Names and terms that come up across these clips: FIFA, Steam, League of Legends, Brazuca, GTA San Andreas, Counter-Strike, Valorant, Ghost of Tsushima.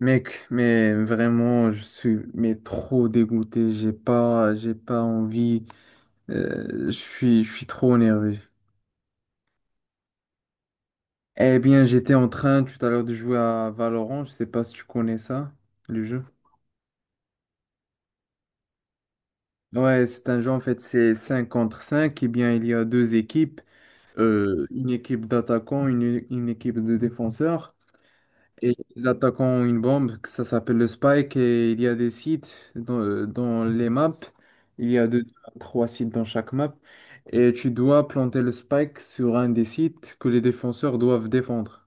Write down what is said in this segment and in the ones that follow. Mec, mais vraiment, je suis mais trop dégoûté. J'ai pas envie. Je suis trop énervé. Eh bien, j'étais en train tout à l'heure de jouer à Valorant. Je sais pas si tu connais ça, le jeu. Ouais, c'est un jeu en fait, c'est 5 contre 5. Eh bien, il y a deux équipes, une équipe d'attaquants, une équipe de défenseurs. Et les attaquants ont une bombe, que ça s'appelle le Spike, et il y a des sites dans les maps. Il y a deux, trois sites dans chaque map. Et tu dois planter le Spike sur un des sites que les défenseurs doivent défendre.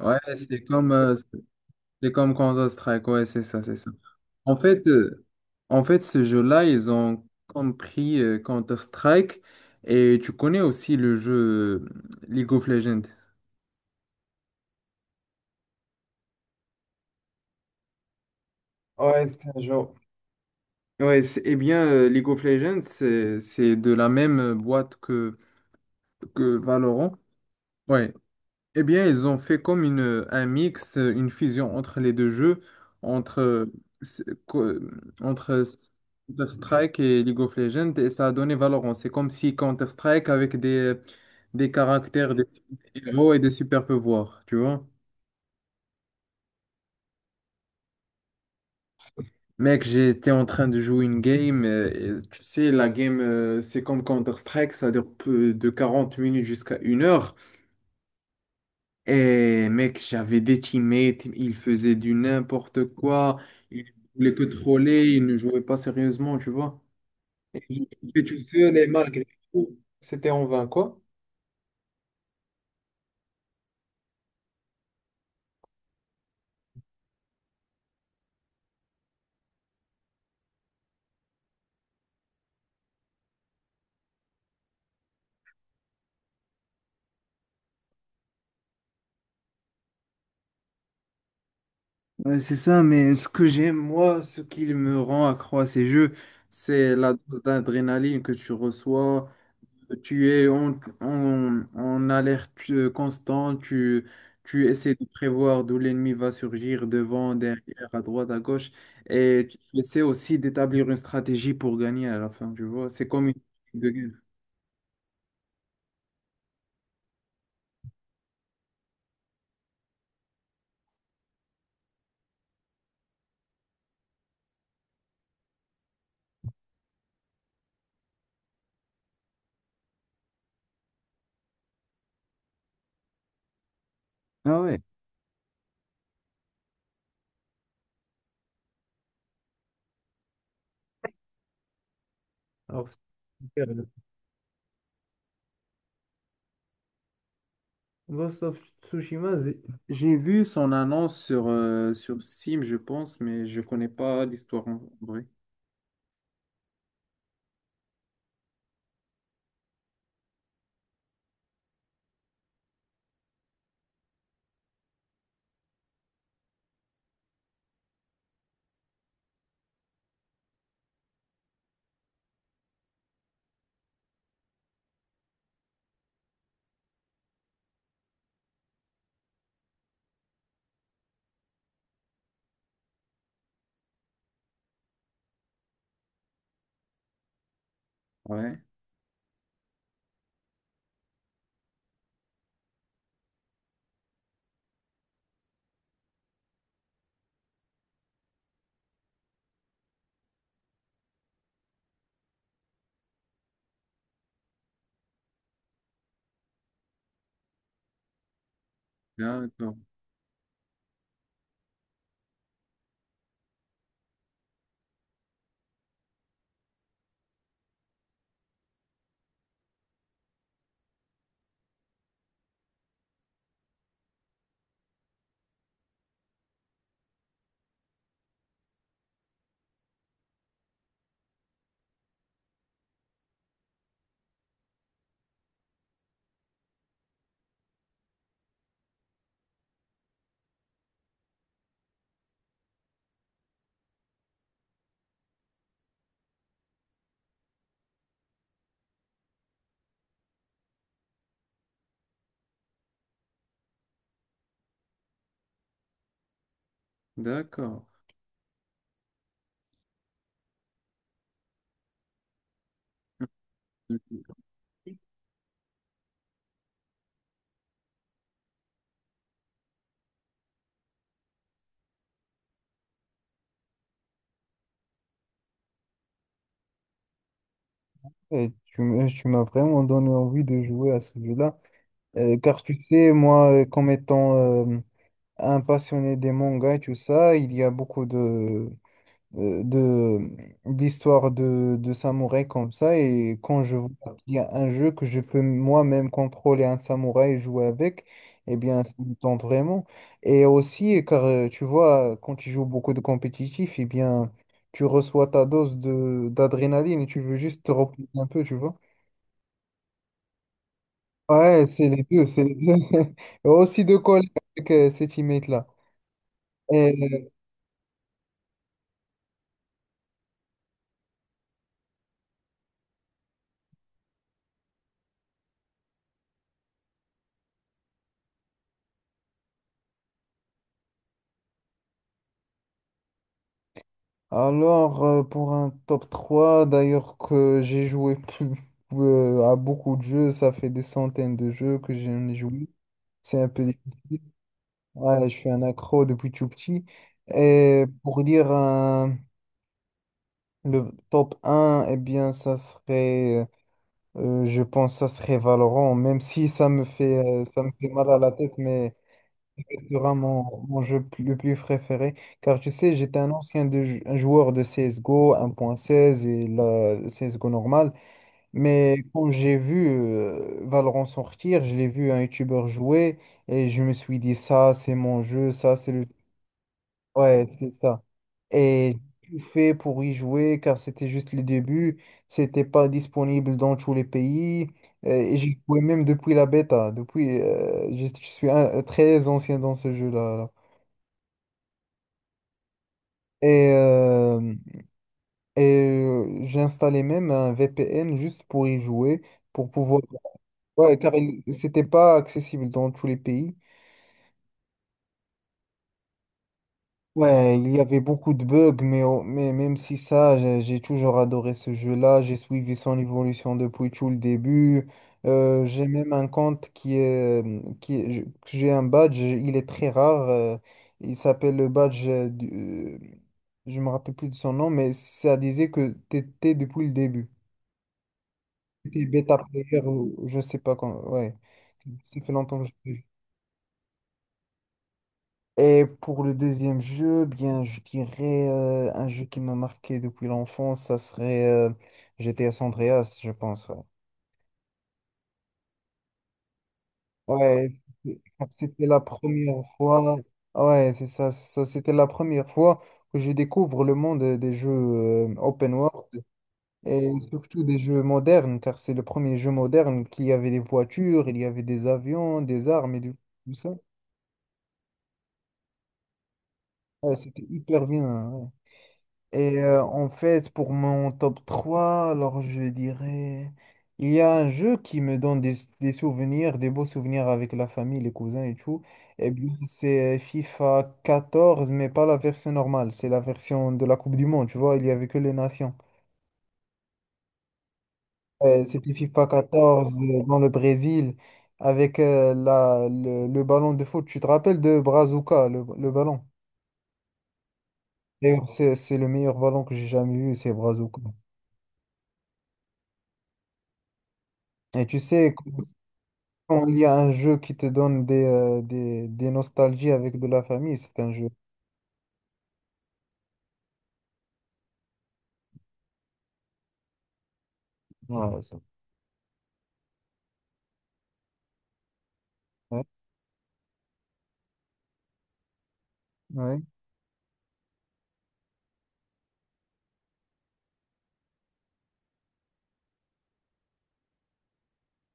Ouais, c'est comme Counter-Strike. Ouais, c'est ça, c'est ça. En fait, euh, en fait, ce jeu-là, ils ont compris Counter-Strike. Et tu connais aussi le jeu euh, League of Legends. Ouais, c'est un jeu. Ouais, eh bien, League of Legends, c'est de la même boîte que Valorant. Ouais. Eh bien, ils ont fait comme un mix, une fusion entre les deux jeux, entre, euh, c'est- co- entre Counter-Strike et League of Legends, et ça a donné Valorant. C'est comme si Counter-Strike avec des caractères, des héros et des super pouvoirs, tu vois? Mec, j'étais en train de jouer une game. Et tu sais, la game, c'est comme Counter-Strike, ça dure de 40 minutes jusqu'à 1 heure. Et mec, j'avais des teammates, ils faisaient du n'importe quoi, ils voulaient que troller, ils ne jouaient pas sérieusement, tu vois. Et j'étais tout seul et malgré tout, c'était en vain, quoi. Ouais, c'est ça, mais ce que j'aime, moi, ce qui me rend accro à ces jeux, c'est la dose d'adrénaline que tu reçois. Tu es en alerte constante, tu essaies de prévoir d'où l'ennemi va surgir, devant, derrière, à droite, à gauche, et tu essaies aussi d'établir une stratégie pour gagner à la fin, tu vois. C'est comme une équipe de guerre. Ah ouais. Alors, c'est super. Ghost of Tsushima, j'ai vu son annonce sur Steam, je pense, mais je connais pas l'histoire en vrai. Ouais, d'accord, d'accord. Et tu m'as vraiment donné envie de jouer à ce jeu-là. Car tu sais, moi, comme étant un passionné des mangas et tout ça, il y a beaucoup de d'histoires de samouraï comme ça et quand je vois qu'il y a un jeu que je peux moi-même contrôler un samouraï et jouer avec, eh bien ça me tente vraiment. Et aussi car tu vois quand tu joues beaucoup de compétitif, eh bien tu reçois ta dose de d'adrénaline et tu veux juste te reposer un peu, tu vois. Ouais, c'est les deux, c'est les deux. Et aussi de coller avec ces teammates-là. Alors, pour un top 3 d'ailleurs que j'ai joué à beaucoup de jeux, ça fait des centaines de jeux que j'en ai joué. C'est un peu difficile. Ouais, je suis un accro depuis tout petit. Et pour dire le top un eh bien, ça serait, je pense, ça serait Valorant, même si ça me fait mal à la tête, mais sera mon jeu le plus préféré. Car tu sais, j'étais un ancien un joueur de CSGO 1.16 et le la CSGO normal. Mais quand j'ai vu Valorant sortir, je l'ai vu un YouTuber jouer et je me suis dit, ça, c'est mon jeu, ça, c'est le. Ouais, c'est ça. Et j'ai tout fait pour y jouer car c'était juste le début. C'était pas disponible dans tous les pays. Et j'ai joué même depuis la bêta. Depuis, je suis très ancien dans ce jeu-là. Et, euh, et j'ai installé même un VPN juste pour y jouer, pour pouvoir. Ouais, car c'était pas accessible dans tous les pays. Ouais, il y avait beaucoup de bugs, mais même si ça, j'ai toujours adoré ce jeu-là. J'ai suivi son évolution depuis tout le début. J'ai même un compte. J'ai un badge, il est très rare. Il s'appelle le badge. Je me rappelle plus de son nom, mais ça disait que t'étais depuis le début. Et puis Beta Player, ou je sais pas quand. Ouais, ça fait longtemps que je l'ai vu. Et pour le deuxième jeu, bien, je dirais un jeu qui m'a marqué depuis l'enfance, ça serait GTA San Andreas, je pense. Ouais, ouais, c'est- c'était la première fois. Ouais, c'est ça, c'est ça. C'était la première fois que je découvre le monde des jeux open world et surtout des jeux modernes, car c'est le premier jeu moderne qui avait des voitures, il y avait des avions, des armes et tout ça. Ouais, c'était hyper bien. Ouais. Et en fait, pour mon top 3 alors je dirais, il y a un jeu qui me donne des souvenirs, des beaux souvenirs avec la famille, les cousins et tout. Et bien, c'est FIFA 14 mais pas la version normale, c'est la version de la Coupe du Monde, tu vois, il y avait que les nations. C'était FIFA 14 dans le Brésil avec le ballon de foot. Tu te rappelles de Brazuca, le ballon? D'ailleurs, c'est le meilleur ballon que j'ai jamais vu, c'est Brazuca. Et tu sais, quand il y a un jeu qui te donne des nostalgies avec de la famille, c'est un jeu. Ouais, ça. Ouais, ouais,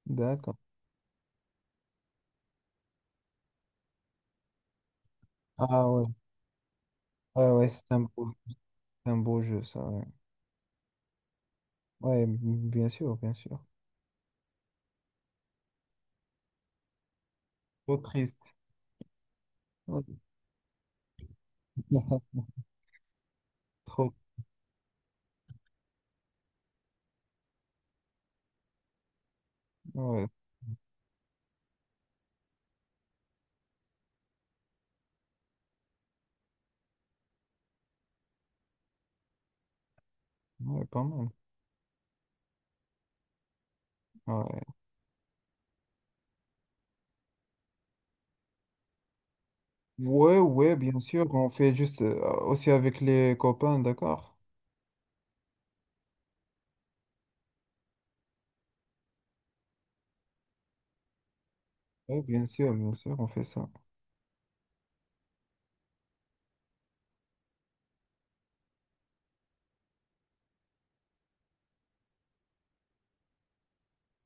d'accord. Ah ouais, ouais, ouais, c'est un beau jeu, ça. Ouais, ouais, bien sûr, bien sûr. Trop triste. Ouais. Trop. Ouais, ouais, pas mal. Ouais. Ouais, ouais, bien sûr, on fait juste aussi avec les copains, d'accord? Ouais, bien sûr, on fait ça.